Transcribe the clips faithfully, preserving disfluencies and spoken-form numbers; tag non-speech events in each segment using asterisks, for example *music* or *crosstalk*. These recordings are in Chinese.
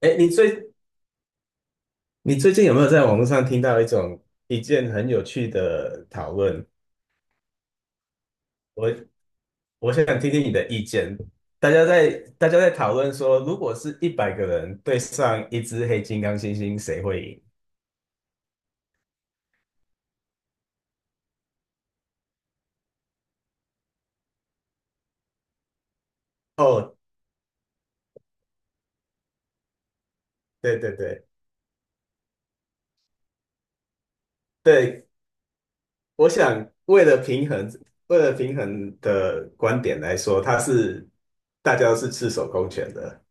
哎，你最你最近有没有在网络上听到一种一件很有趣的讨论？我我想听听你的意见。大家在大家在讨论说，如果是一百个人对上一只黑金刚猩猩，谁会赢？哦，对对对对，我想为了平衡，为了平衡的观点来说，它是大家都是赤手空拳的。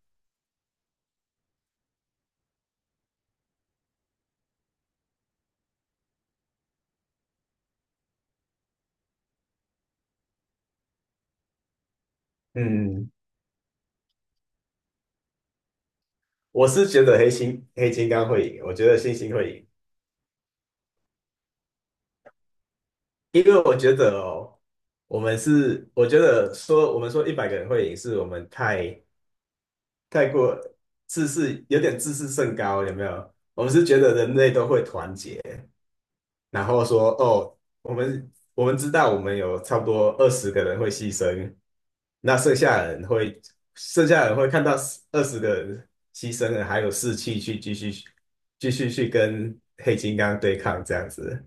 嗯，我是觉得黑猩黑金刚会赢，我觉得猩猩会赢。因为我觉得哦，我们是，我觉得说我们说一百个人会赢，是我们太太过自视，有点自视甚高，有没有？我们是觉得人类都会团结，然后说哦，我们我们知道我们有差不多二十个人会牺牲，那剩下人会剩下人会看到二十个人牺牲了，还有士气去继续继续去跟黑金刚对抗这样子。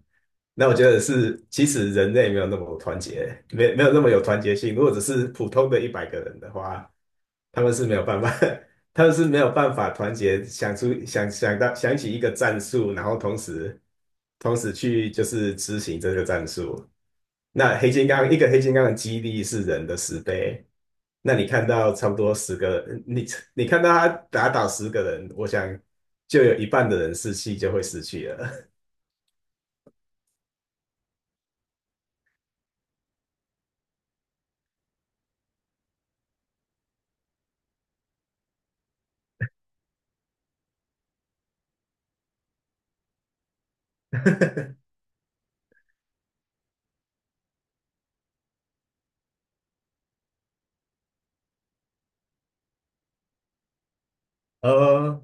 那我觉得是，其实人类没有那么团结，没没有那么有团结性。如果只是普通的一百个人的话，他们是没有办法 *laughs* 他们是没有办法团结，想出想想到想起一个战术，然后同时同时去就是执行这个战术。那黑金刚一个黑金刚的肌力是人的十倍，那你看到差不多十个，你你看到他打倒十个人，我想就有一半的人士气就会失去了。*laughs* 哦，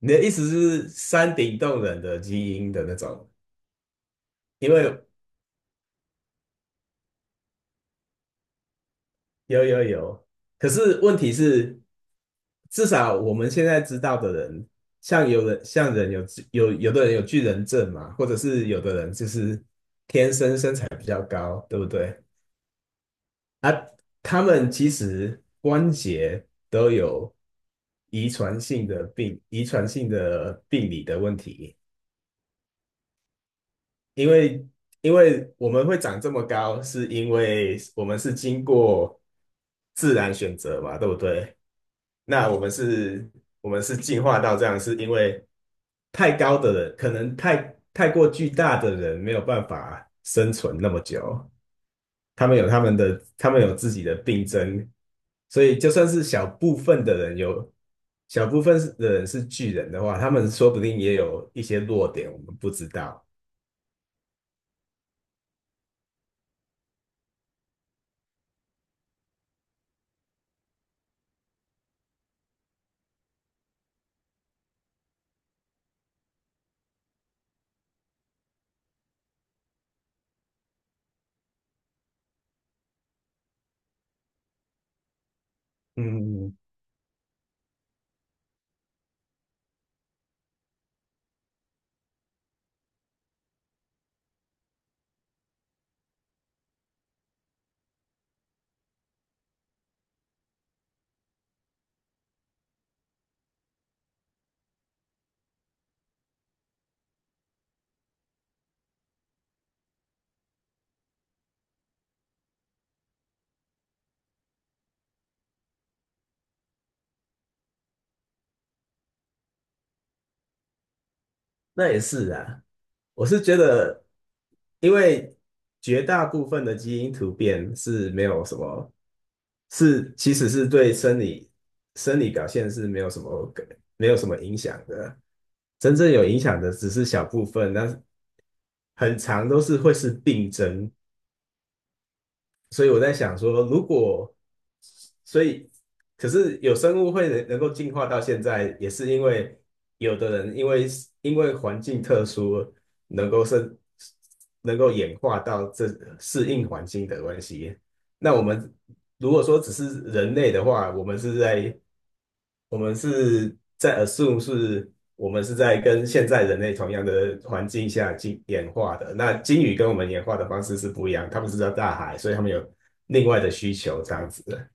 你的意思是山顶洞人的基因的那种？因为有有有，可是问题是。至少我们现在知道的人，像有人像人有有有的人有巨人症嘛，或者是有的人就是天生身材比较高，对不对？啊，他们其实关节都有遗传性的病，遗传性的病理的问题。因为因为我们会长这么高，是因为我们是经过自然选择嘛，对不对？那我们是，我们是进化到这样，是因为太高的人，可能太太过巨大的人没有办法生存那么久，他们有他们的，他们有自己的病症，所以就算是小部分的人有，小部分的人是巨人的话，他们说不定也有一些弱点，我们不知道。嗯，那也是啊，我是觉得，因为绝大部分的基因突变是没有什么，是其实是对生理生理表现是没有什么没有什么影响的，真正有影响的只是小部分，但是很长都是会是病症，所以我在想说，如果所以，可是有生物会能能够进化到现在，也是因为有的人因为因为环境特殊，能够是能够演化到这适应环境的关系。那我们如果说只是人类的话，我们是在我们是在 assume 是我们是在跟现在人类同样的环境下进演化的。那鲸鱼跟我们演化的方式是不一样，它们是在大海，所以它们有另外的需求这样子的。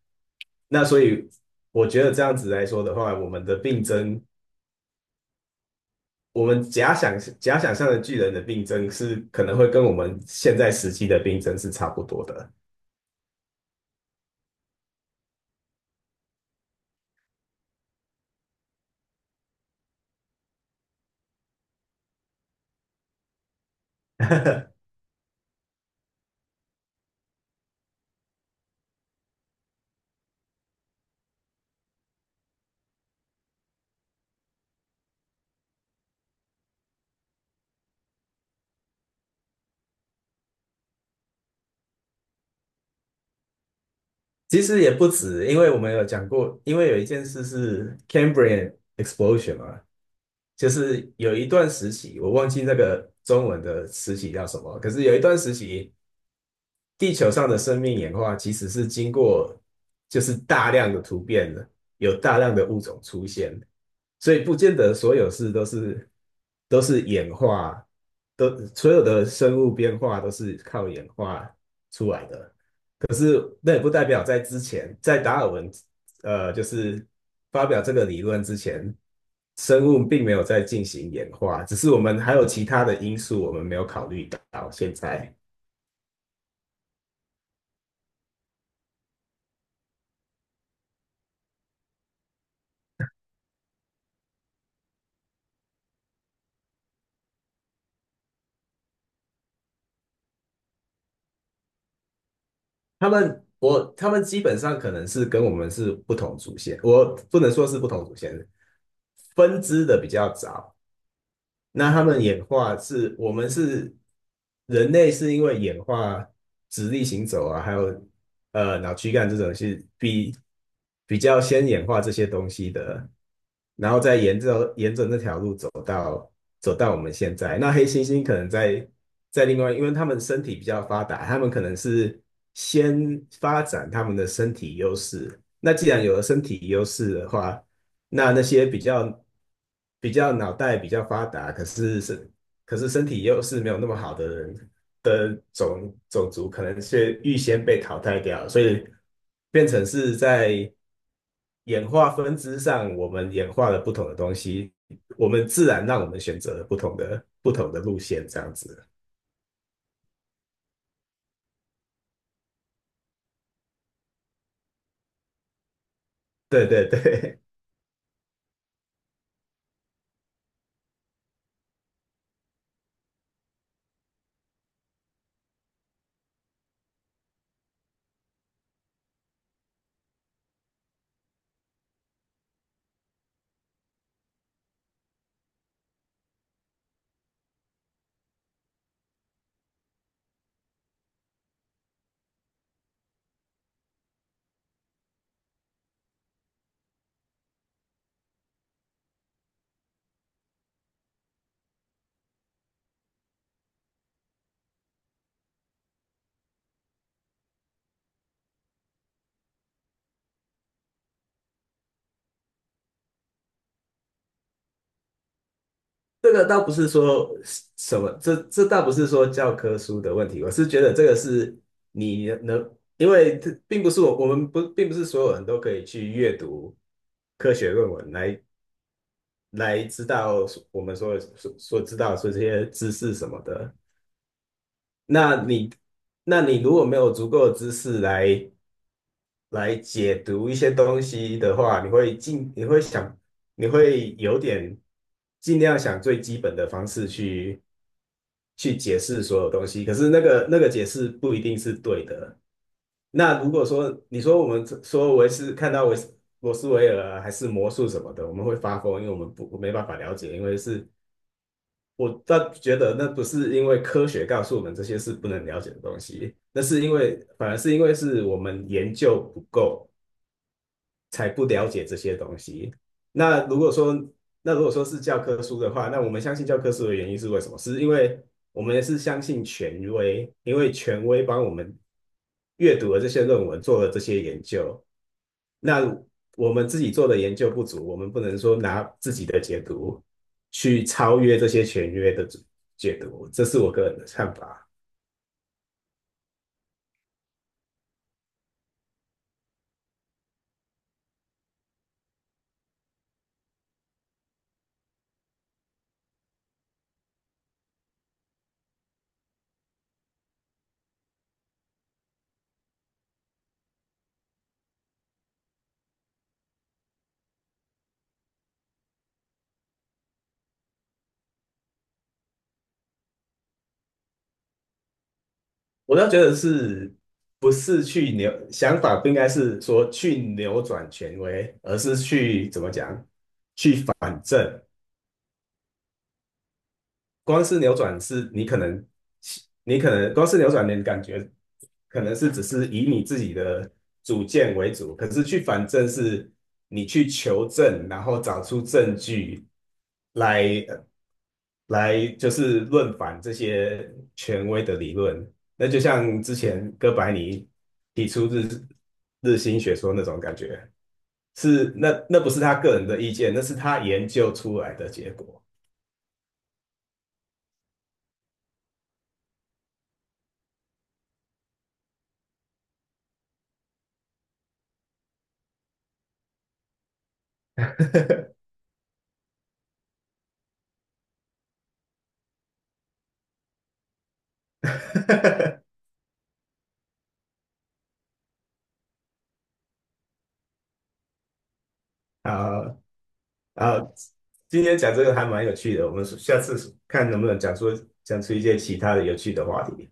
那所以我觉得这样子来说的话，我们的病症，我们假想假想象的巨人的病症是可能会跟我们现在时期的病症是差不多的。*laughs* 其实也不止，因为我们有讲过，因为有一件事是 Cambrian explosion 嘛。就是有一段时期，我忘记那个中文的时期叫什么，可是有一段时期，地球上的生命演化其实是经过就是大量的突变的，有大量的物种出现，所以不见得所有事都是都是演化，都所有的生物变化都是靠演化出来的。那也不代表在之前，在达尔文呃，就是发表这个理论之前，生物并没有在进行演化，只是我们还有其他的因素我们没有考虑到。现在他们，我他们基本上可能是跟我们是不同祖先，我不能说是不同祖先，分支的比较早，那他们演化是，我们是人类是因为演化直立行走啊，还有呃脑躯干这种是比比较先演化这些东西的，然后再沿着沿着那条路走。走到我们现在。那黑猩猩可能在在另外，因为他们身体比较发达，他们可能是先发展他们的身体优势。那既然有了身体优势的话，那那些比较比较脑袋比较发达，可是身可是身体优势没有那么好的人，的种种族可能是预先被淘汰掉了，所以变成是在演化分支上，我们演化了不同的东西，我们自然让我们选择了不同的不同的路线，这样子。对对对，*laughs* 这个倒不是说什么，这这倒不是说教科书的问题，我是觉得这个是你能，因为这并不是我我们不并不是所有人都可以去阅读科学论文来来知道我们所所所知道所这些知识什么的。那你那你如果没有足够的知识来来解读一些东西的话，你会尽你会想你会有点尽量想最基本的方式去去解释所有东西，可是那个那个解释不一定是对的。那如果说你说我们说维斯看到维斯罗斯维尔啊还是魔术什么的，我们会发疯，因为我们不没办法了解，因为是我倒觉得那不是因为科学告诉我们这些是不能了解的东西，那是因为反而是因为是我们研究不够，才不了解这些东西。那如果说那如果说是教科书的话，那我们相信教科书的原因是为什么？是因为我们是相信权威，因为权威帮我们阅读了这些论文，做了这些研究，那我们自己做的研究不足，我们不能说拿自己的解读去超越这些权威的解读，这是我个人的看法。我倒觉得是不是去扭想法不应该是说去扭转权威，而是去怎么讲光是扭转是你可能，你可能光是扭转，你的感觉可能是只是以你自己的主见为主，可是去反正是你去求证，然后找出证据来呃来就是论反这些权威的理论。那就像之前哥白尼提出日日心学说那种感觉，是那那不是他个人的意见，那是他研究出来的结果。*laughs* 好，好，今天讲这个还蛮有趣的，我们下次看能不能讲出讲出一些其他的有趣的话题。